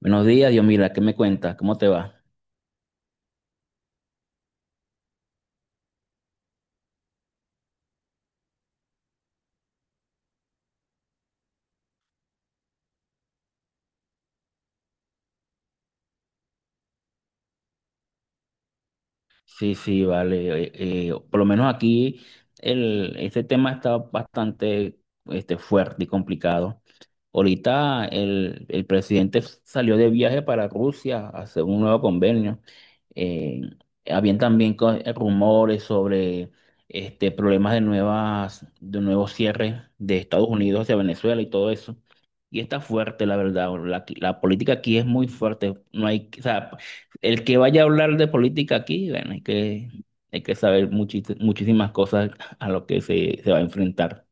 Buenos días, Dios, mira, ¿qué me cuentas? ¿Cómo te va? Sí, sí, vale. Por lo menos aquí este tema está bastante fuerte y complicado. Ahorita el presidente salió de viaje para Rusia a hacer un nuevo convenio. Eh, Habían también rumores sobre problemas de nuevos cierres de Estados Unidos hacia Venezuela y todo eso. Y está fuerte, la verdad. La política aquí es muy fuerte. No hay, o sea, el que vaya a hablar de política aquí, bueno, hay que saber muchísimas cosas a lo que se va a enfrentar.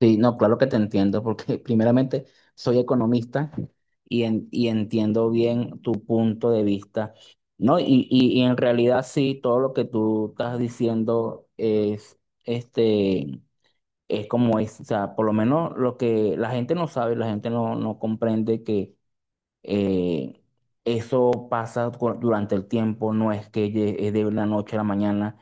Sí, no, claro que te entiendo, porque primeramente soy economista y, y entiendo bien tu punto de vista, ¿no? Y en realidad sí, todo lo que tú estás diciendo es, este, es como es, o sea, por lo menos lo que la gente no sabe, la gente no, no comprende que Eh, eso pasa durante el tiempo, no es que es de la noche a la mañana,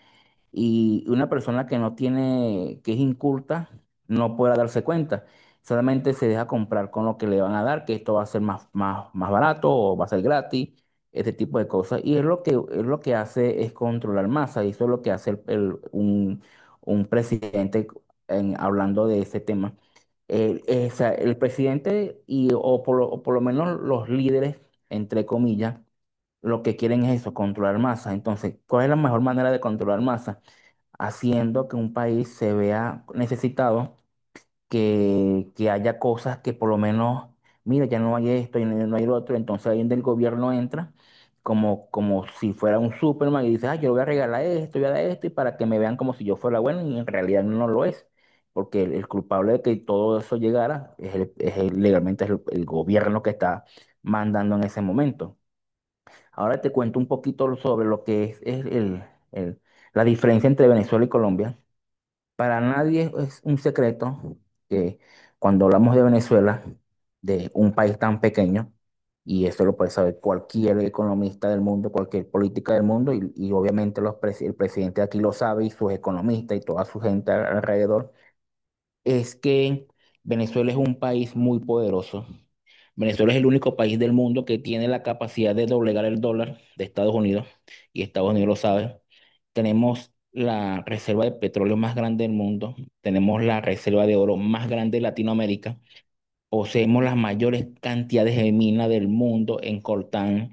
y una persona que no tiene, que es inculta, no podrá darse cuenta. Solamente se deja comprar con lo que le van a dar, que esto va a ser más barato o va a ser gratis, este tipo de cosas. Y es lo que hace es controlar masa, y eso es lo que hace un presidente hablando de ese tema. El presidente y, o por lo menos los líderes, entre comillas, lo que quieren es eso, controlar masa. Entonces, ¿cuál es la mejor manera de controlar masa? Haciendo que un país se vea necesitado, que haya cosas que por lo menos, mira, ya no hay esto y no hay lo otro, entonces alguien, el gobierno entra como si fuera un Superman y dice, ah, yo le voy a regalar esto, voy a dar esto, y para que me vean como si yo fuera bueno, y en realidad no lo es, porque el culpable de que todo eso llegara es, legalmente es el gobierno que está mandando en ese momento. Ahora te cuento un poquito sobre lo que es el- la diferencia entre Venezuela y Colombia. Para nadie es un secreto que cuando hablamos de Venezuela, de un país tan pequeño, y eso lo puede saber cualquier economista del mundo, cualquier política del mundo, y obviamente el presidente de aquí lo sabe y sus economistas y toda su gente alrededor, es que Venezuela es un país muy poderoso. Venezuela es el único país del mundo que tiene la capacidad de doblegar el dólar de Estados Unidos, y Estados Unidos lo sabe. Tenemos la reserva de petróleo más grande del mundo, tenemos la reserva de oro más grande de Latinoamérica, poseemos las mayores cantidades de minas del mundo en coltán,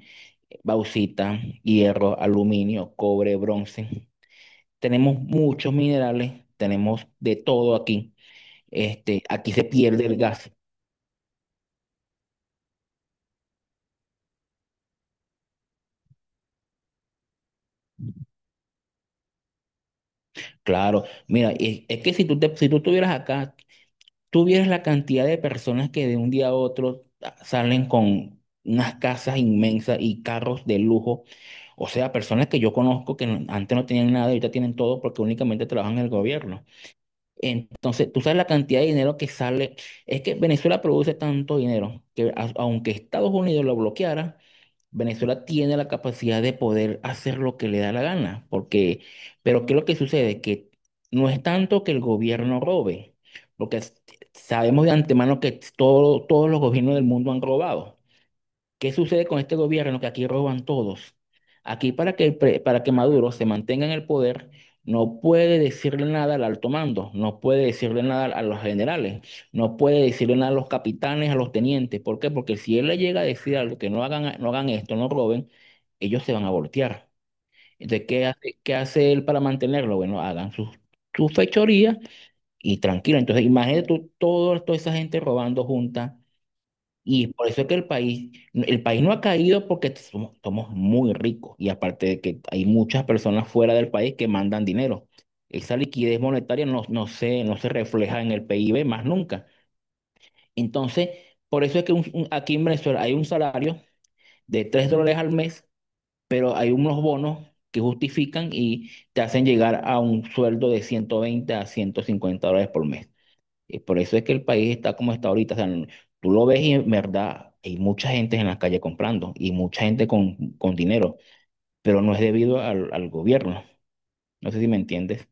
bauxita, hierro, aluminio, cobre, bronce. Tenemos muchos minerales, tenemos de todo aquí. Este, aquí se pierde el gas. Claro, mira, y es que si tú estuvieras acá, tú vieras la cantidad de personas que de un día a otro salen con unas casas inmensas y carros de lujo. O sea, personas que yo conozco que antes no tenían nada y ahorita tienen todo porque únicamente trabajan en el gobierno. Entonces, tú sabes la cantidad de dinero que sale. Es que Venezuela produce tanto dinero que aunque Estados Unidos lo bloqueara, Venezuela tiene la capacidad de poder hacer lo que le da la gana. Porque, pero ¿qué es lo que sucede? Que no es tanto que el gobierno robe, porque sabemos de antemano que todos los gobiernos del mundo han robado. ¿Qué sucede con este gobierno? Que aquí roban todos. Aquí para que, para que Maduro se mantenga en el poder, no puede decirle nada al alto mando, no puede decirle nada a los generales, no puede decirle nada a los capitanes, a los tenientes. ¿Por qué? Porque si él le llega a decir algo que no hagan, no hagan esto, no roben, ellos se van a voltear. Entonces, qué hace él para mantenerlo? Bueno, sus fechorías y tranquilo. Entonces, imagínate tú toda esa gente robando junta, y por eso es que el país no ha caído porque somos muy ricos y aparte de que hay muchas personas fuera del país que mandan dinero. Esa liquidez monetaria no se refleja en el PIB más nunca. Entonces, por eso es que aquí en Venezuela hay un salario de $3 al mes, pero hay unos bonos que justifican y te hacen llegar a un sueldo de $120 a $150 por mes. Y por eso es que el país está como está ahorita. O sea, tú lo ves y en verdad hay mucha gente en las calles comprando y mucha gente con dinero, pero no es debido al gobierno. No sé si me entiendes.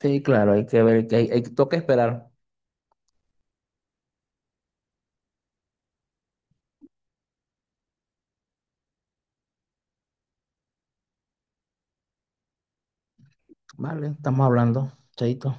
Sí, claro, hay que ver, hay, toca esperar. Vale, estamos hablando, chaito.